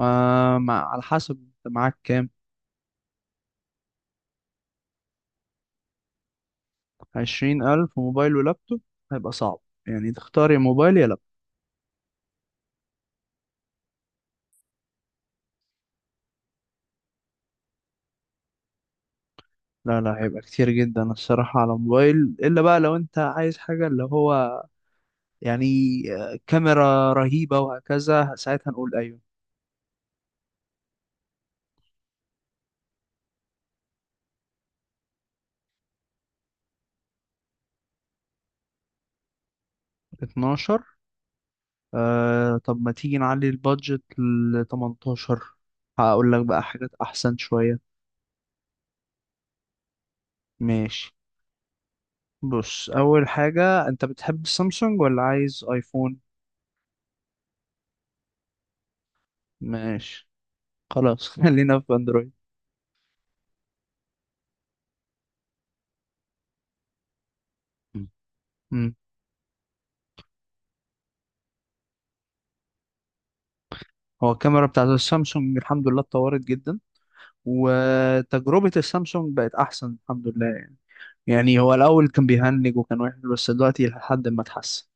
آه، على حسب انت معاك كام؟ 20 ألف موبايل ولابتوب هيبقى صعب، يعني تختار يا موبايل يا لابتوب. لا لا، هيبقى كتير جدا الصراحة على موبايل، إلا بقى لو أنت عايز حاجة اللي هو يعني كاميرا رهيبة وهكذا، ساعتها نقول أيوة. 12. طب ما تيجي نعلي البادجت ل 18، هقول لك بقى حاجات أحسن شوية. ماشي. بص، أول حاجة، أنت بتحب السامسونج ولا عايز أيفون؟ ماشي. خلاص، خلينا في اندرويد. مم. امم هو الكاميرا بتاعت السامسونج الحمد لله اتطورت جدا، وتجربة السامسونج بقت أحسن الحمد لله يعني. يعني هو الأول كان بيهنج وكان وحش، بس دلوقتي لحد ما اتحسن.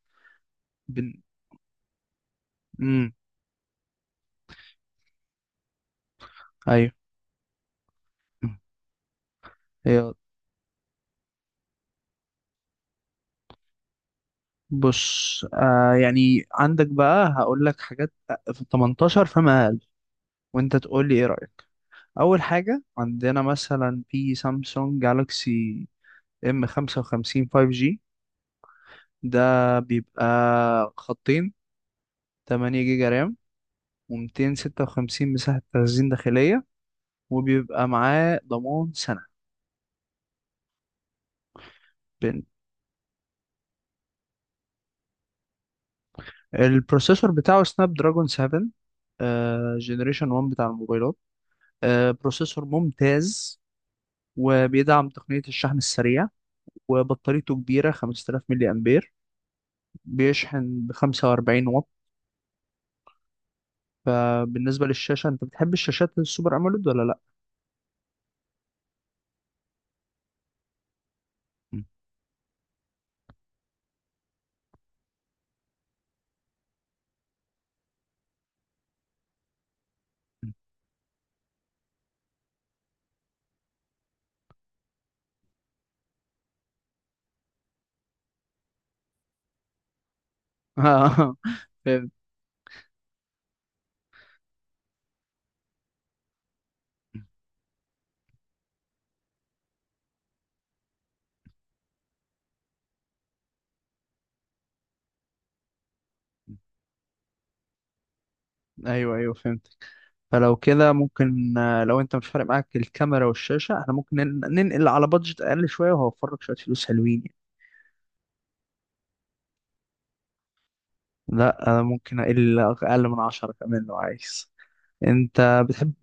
بن... امم أيوه. مم. هي بص، يعني عندك بقى، هقول لك حاجات في 18 فما أقل، وأنت تقول لي إيه رأيك. أول حاجة عندنا مثلا في سامسونج جالاكسي ام 55 5G. ده بيبقى خطين، 8 جيجا رام، و256 مساحة تخزين داخلية، وبيبقى معاه ضمان سنة. بين البروسيسور بتاعه سناب دراجون 7 جنريشن 1 بتاع الموبايلات، بروسيسور ممتاز. وبيدعم تقنية الشحن السريع، وبطاريته كبيرة 5000 ملي أمبير، بيشحن ب 45 واط. فبالنسبة للشاشة، أنت بتحب الشاشات السوبر أموليد ولا لأ؟ آه، فهمت. ايوه ايوه، فهمت. فلو كده ممكن، لو انت مش فارق معاك الكاميرا والشاشه، احنا ممكن ننقل على بادجت اقل شويه وهوفر لك شويه فلوس حلوين يعني. لا، انا ممكن اقل اقل من 10 كمان لو عايز. انت بتحب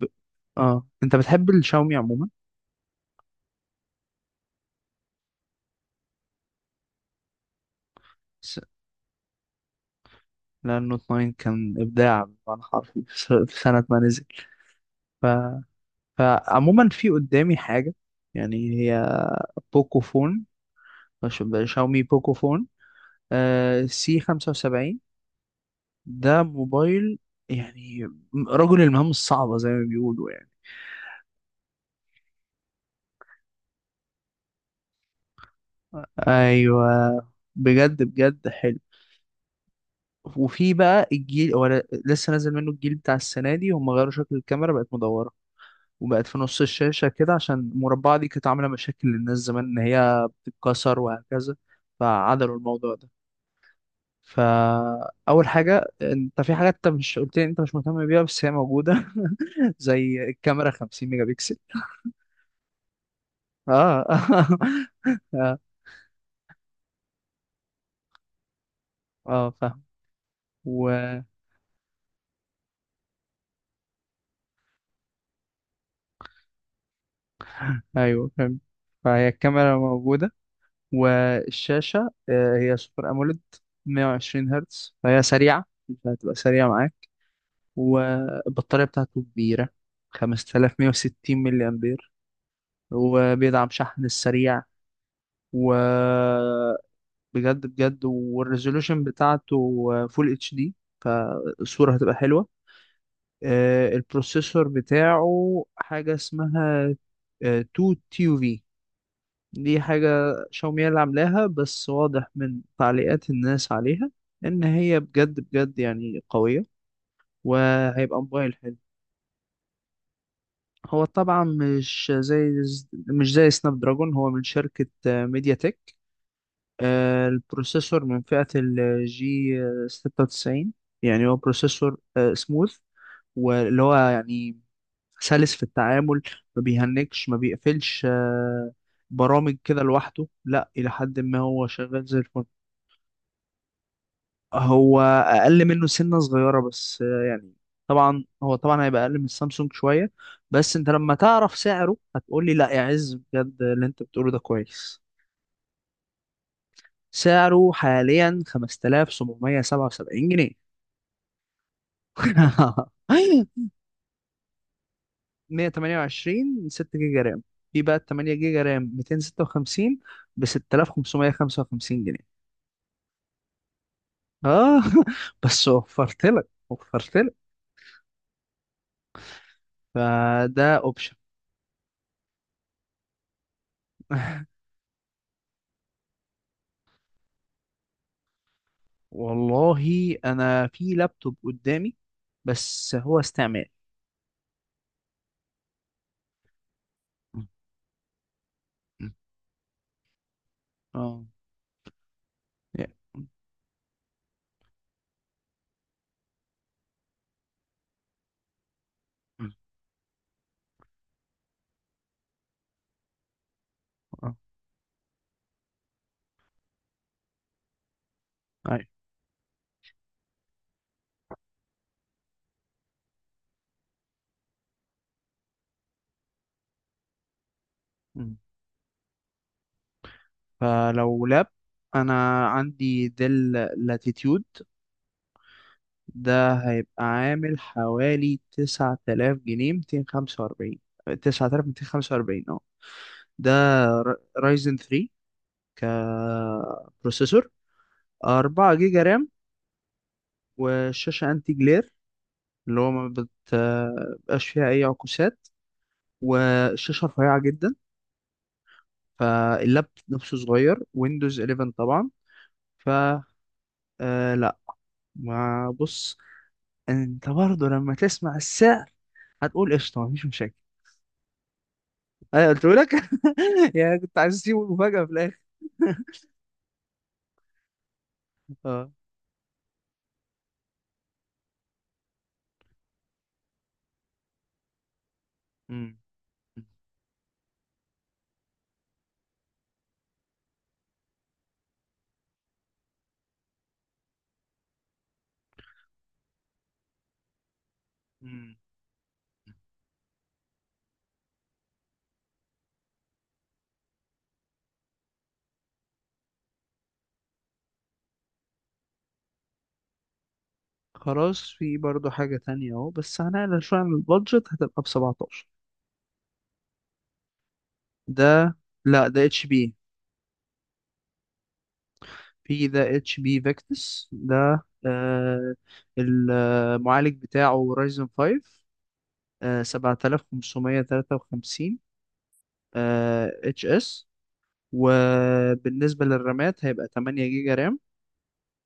اه انت بتحب الشاومي عموما. س- لان نوت 9 كان ابداع بمعنى حرفي في سنه ما نزل. ف... فعموما في قدامي حاجه، يعني هي بوكو فون، شاومي بوكو فون سي 75. ده موبايل، يعني رجل المهام الصعبة زي ما بيقولوا يعني. ايوه، بجد بجد حلو. وفي بقى الجيل هو لسه نازل منه. الجيل بتاع السنة دي هم غيروا شكل الكاميرا، بقت مدورة، وبقت في نص الشاشة كده، عشان المربعة دي كانت عاملة مشاكل للناس زمان ان هي بتتكسر وهكذا، فعدلوا الموضوع ده. فأول حاجة، انت في حاجات انت مش قلت لي انت مش مهتم بيها بس هي موجودة، زي الكاميرا 50 ميجا بكسل. اه. اه، فاهم. و ايوه، فاهم. فهي الكاميرا موجودة، والشاشة هي سوبر اموليد 120 هرتز، فهي سريعة فهتبقى سريعة معاك. والبطارية بتاعته كبيرة 5160 ملي امبير، وبيدعم شحن السريع. و بجد بجد والريزولوشن بتاعته فول اتش دي، فالصورة هتبقى حلوة. البروسيسور بتاعه حاجة اسمها 2 تي يو في، دي حاجة شاومي هي اللي عاملاها، بس واضح من تعليقات الناس عليها إن هي بجد بجد يعني قوية، وهيبقى موبايل حلو. هو طبعا مش زي سناب دراجون، هو من شركة ميديا تك. البروسيسور من فئة الجي 96، يعني هو بروسيسور سموث، واللي هو يعني سلس في التعامل، ما بيهنكش ما بيقفلش برامج كده لوحده، لا إلى حد ما هو شغال زي الفل. هو اقل منه سنه صغيره بس، يعني طبعا هو طبعا هيبقى اقل من السامسونج شويه. بس انت لما تعرف سعره هتقول لي: لا يا عز بجد، اللي انت بتقوله ده كويس. سعره حاليا 5777 جنيه. 128، 6 جيجا رام، في بقى 8 جيجا رام 256 ب 6555 جنيه. اه. بس وفرت لك وفرت لك، فده اوبشن. والله، انا في لابتوب قدامي بس هو استعمال. م- م. اه يا- م- اه، أيوة. م. فلو لاب، انا عندي ديل لاتيتيود ده هيبقى عامل حوالي 9000 جنيه 245، 9245. اه. ده رايزن 3 كبروسيسور، 4 جيجا رام. والشاشة انتي جلير، اللي هو ما بتبقاش فيها اي عكوسات، والشاشة رفيعة جدا، فاللاب نفسه صغير. ويندوز 11 طبعا. ف آه لا. ما بص، انت برضه لما تسمع السعر هتقول قشطة، مفيش مشاكل. انا قلت لك يعني كنت عايز اسيبه مفاجأة في الاخر. اه. مم. مم. خلاص، في برضه حاجة تانية اهو، بس هنقلل شوية عن البادجت هتبقى ب 17. ده، لا ده اتش بي. في ده اتش بي فيكتس ده، المعالج بتاعه رايزن 5، 7553 اتش اس. وبالنسبة للرامات هيبقى 8 جيجا رام،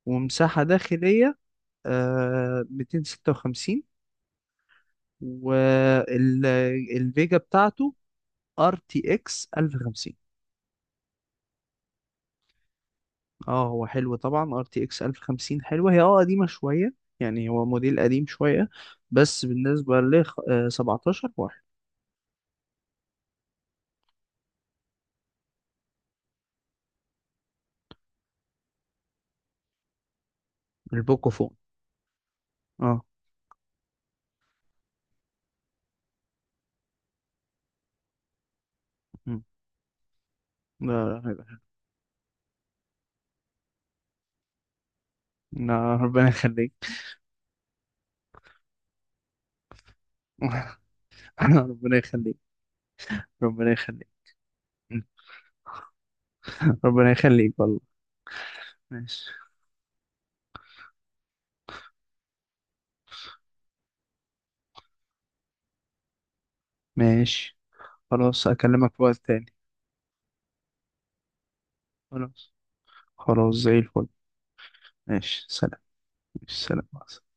ومساحة داخلية 256، والفيجا بتاعته ار تي اكس 1050. اه، هو حلو طبعا. ار تي اكس 1050 حلوة، هي قديمة شوية، يعني هو موديل قديم شوية. بس بالنسبة ل 17 واحد. البوكو فون. اه. مم. لا لا لا. لا، ربنا يخليك. ربنا يخليك، ربنا يخليك. ربنا يخليك والله. ماشي. ماشي. خلاص، أكلمك في وقت تاني. خلاص. خلاص، زي الفل. ماشي، سلام. ماشي، سلام.